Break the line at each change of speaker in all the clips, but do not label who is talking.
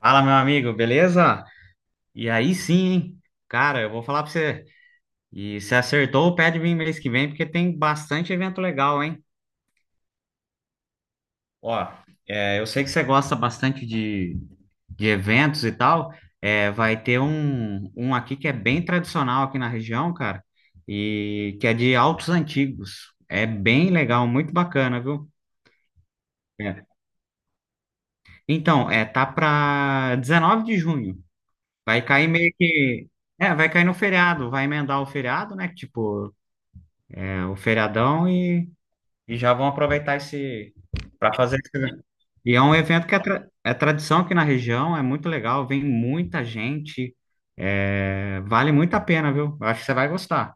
Fala, meu amigo, beleza? E aí sim, hein? Cara, eu vou falar pra você. E se acertou, pede vir mês que vem, porque tem bastante evento legal, hein? Ó, eu sei que você gosta bastante de eventos e tal. É, vai ter um aqui que é bem tradicional aqui na região, cara, e que é de autos antigos. É bem legal, muito bacana, viu? É. Então, tá pra 19 de junho. Vai cair meio que. É, vai cair no feriado, vai emendar o feriado, né? Tipo, o feriadão e já vão aproveitar esse. Para fazer. E é um evento que é tradição aqui na região, é muito legal, vem muita gente, vale muito a pena, viu? Eu acho que você vai gostar.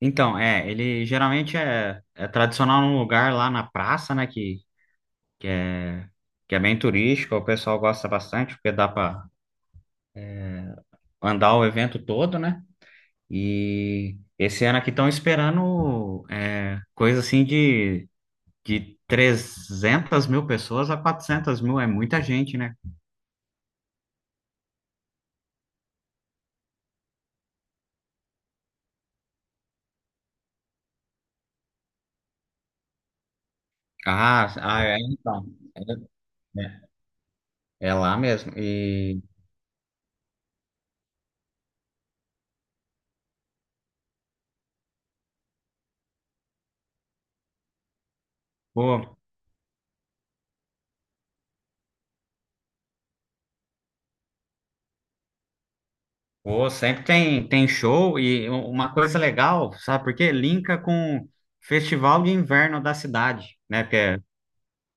Então, ele geralmente é tradicional num lugar lá na praça, né? Que é, que é bem turístico, o pessoal gosta bastante, porque dá para andar o evento todo, né? E esse ano aqui estão esperando coisa assim de 300 mil pessoas a 400 mil, é muita gente, né? Ah, ah, é, então. É, é- É lá mesmo. E pô, pô, sempre tem show e uma coisa legal, sabe por quê? Linka com festival de inverno da cidade, né? Porque é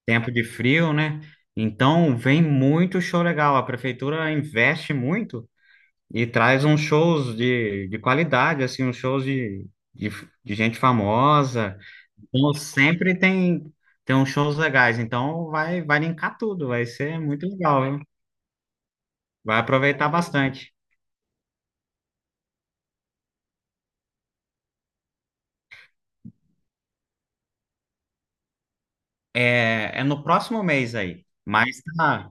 tempo de frio, né? Então, vem muito show legal. A prefeitura investe muito. E traz uns shows de qualidade, assim, uns shows de, de gente famosa. Então, sempre tem uns shows legais. Então, vai linkar tudo, vai ser muito legal, viu? Vai aproveitar bastante. É no próximo mês aí. Mas tá,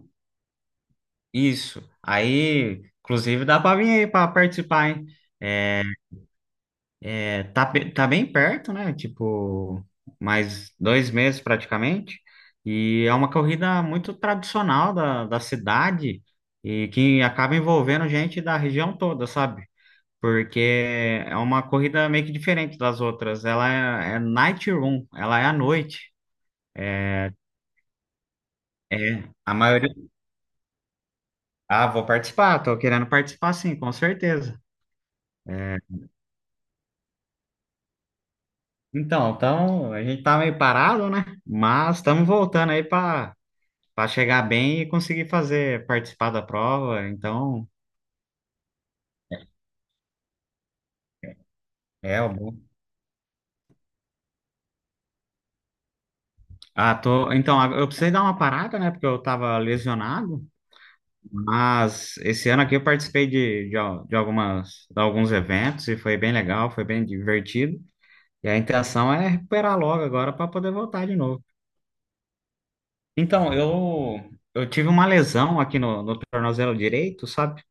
isso. Aí, inclusive, dá pra vir aí pra participar, hein? É, é, tá, tá bem perto, né? Tipo, mais 2 meses praticamente. E é uma corrida muito tradicional da cidade e que acaba envolvendo gente da região toda, sabe? Porque é uma corrida meio que diferente das outras. Ela é night run, ela é à noite. É, a maioria. Ah, vou participar, tô querendo participar sim, com certeza. É, então, a gente tá meio parado, né? Mas estamos voltando aí para chegar bem e conseguir fazer participar da prova. Então, é o bom. Ah, tô, então, eu precisei dar uma parada, né, porque eu estava lesionado, mas esse ano aqui eu participei de, al- de algumas de alguns eventos e foi bem legal, foi bem divertido. E a intenção é recuperar logo agora para poder voltar de novo. Então, eu tive uma lesão aqui no tornozelo direito, sabe?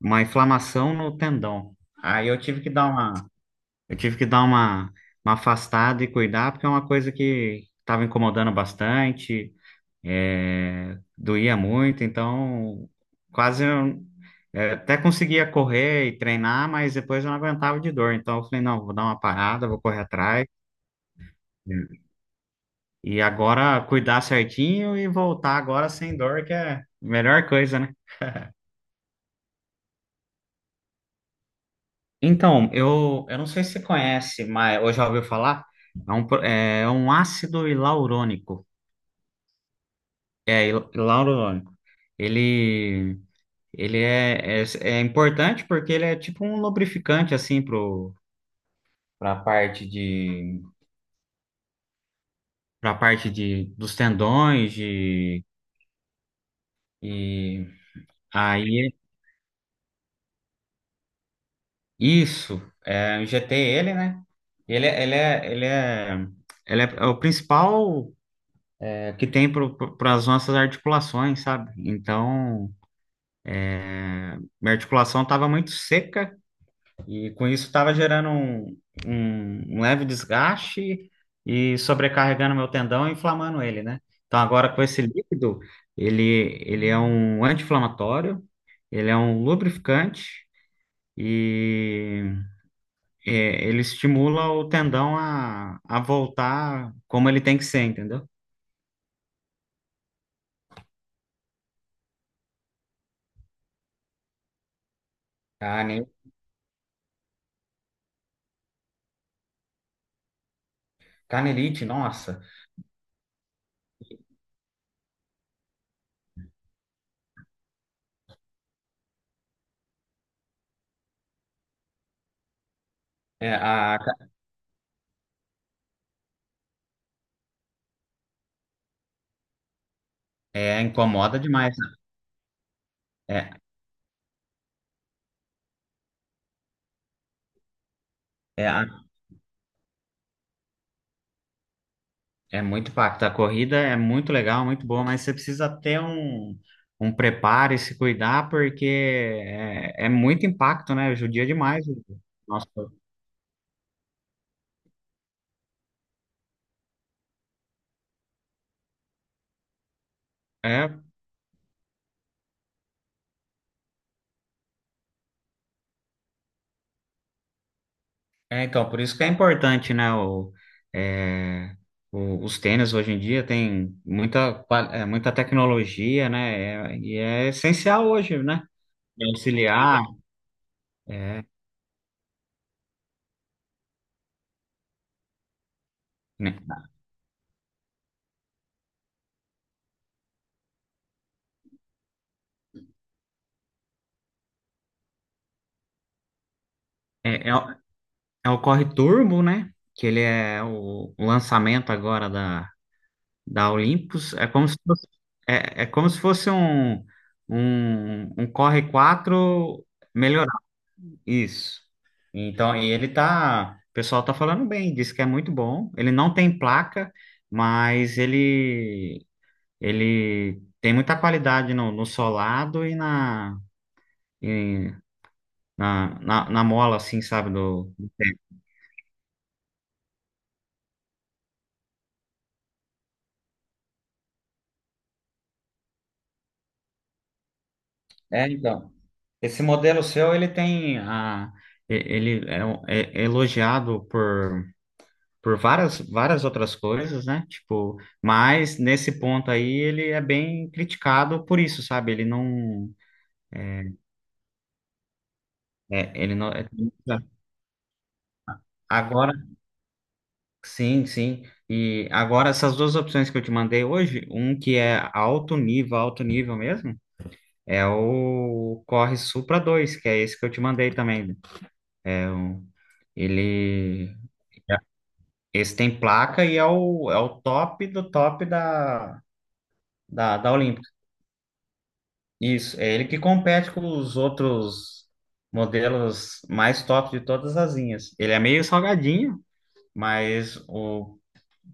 Uma inflamação no tendão. Aí eu tive que dar uma Eu tive que dar uma afastada e cuidar, porque é uma coisa que estava incomodando bastante, doía muito, então quase eu, até conseguia correr e treinar, mas depois eu não aguentava de dor. Então eu falei, não, vou dar uma parada, vou correr atrás, né? E agora cuidar certinho e voltar agora sem dor, que é a melhor coisa, né? Então, eu não sei se você conhece, mas ou já ouviu falar, é um ácido hialurônico. É, e Lauro, Lone. ele, ele é importante porque ele é tipo um lubrificante, assim, para parte de, dos tendões, e aí, é isso, injetei ele, né? Ele, é- ele é, ele é, ele é o principal que tem para as nossas articulações, sabe? Então, minha articulação estava muito seca. E com isso estava gerando um, um leve desgaste e sobrecarregando meu tendão e inflamando ele, né? Então agora com esse líquido, ele é um anti-inflamatório, ele é um lubrificante e ele estimula o tendão a voltar como ele tem que ser, entendeu? Carne, canelite, nossa, é, a, incomoda demais, né? É, é, a É muito impacto. A corrida é muito legal, muito boa, mas você precisa ter um preparo e se cuidar, porque é muito impacto, né? Judia demais o nosso corpo. É, então, por isso que é importante, né? É, os tênis hoje em dia tem muita tecnologia, né? É essencial hoje, né? Pra auxiliar. É, né? É, é, o é o corre turbo, né? Que ele é o lançamento agora da Olympus. É como se fosse um Corre 4 melhorado. Isso. Então, e ele tá, o pessoal tá falando bem, diz que é muito bom. Ele não tem placa, mas ele tem muita qualidade no solado e e na mola, assim, sabe? Do. É, então. Esse modelo seu, ele tem a, e- ele é, um- é elogiado por várias outras coisas, né? Tipo, mas nesse ponto aí ele é bem criticado por isso, sabe? Ele não. Agora, sim, sim. E agora essas duas opções que eu te mandei hoje, um que é alto nível mesmo, é o Corre Supra 2, que é esse que eu te mandei também. É o, ele Esse tem placa e é o top do top da Olímpia. Isso, é ele que compete com os outros modelos mais top de todas as linhas. Ele é meio salgadinho, mas o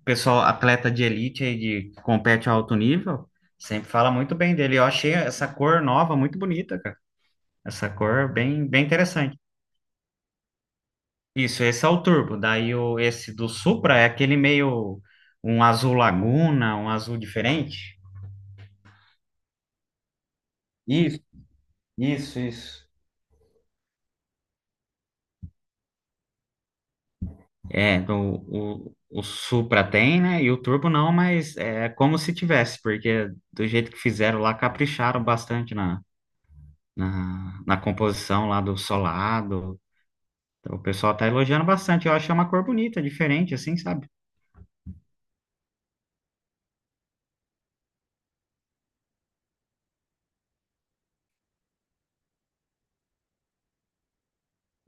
pessoal atleta de elite aí de que compete a alto nível sempre fala muito bem dele. Eu achei essa cor nova muito bonita, cara. Essa cor bem, bem interessante. Isso, esse é o turbo. Esse do Supra é aquele meio um azul laguna, um azul diferente. Isso, isso, isso. É, do- o Supra tem, né? E o Turbo não, mas é como se tivesse, porque do jeito que fizeram lá, capricharam bastante na composição lá do solado. O pessoal tá elogiando bastante. Eu achei uma cor bonita, diferente, assim, sabe?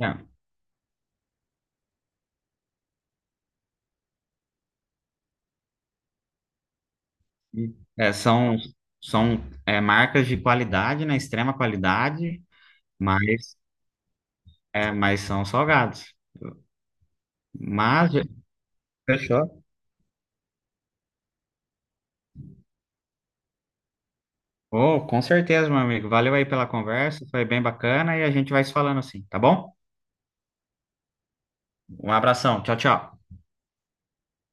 É, e- é, são são marcas de qualidade, né? Extrema qualidade, mas, mas são salgados. Mas, fechou. Oh, com certeza, meu amigo. Valeu aí pela conversa, foi bem bacana e a gente vai se falando assim, tá bom? Um abração. Tchau, tchau.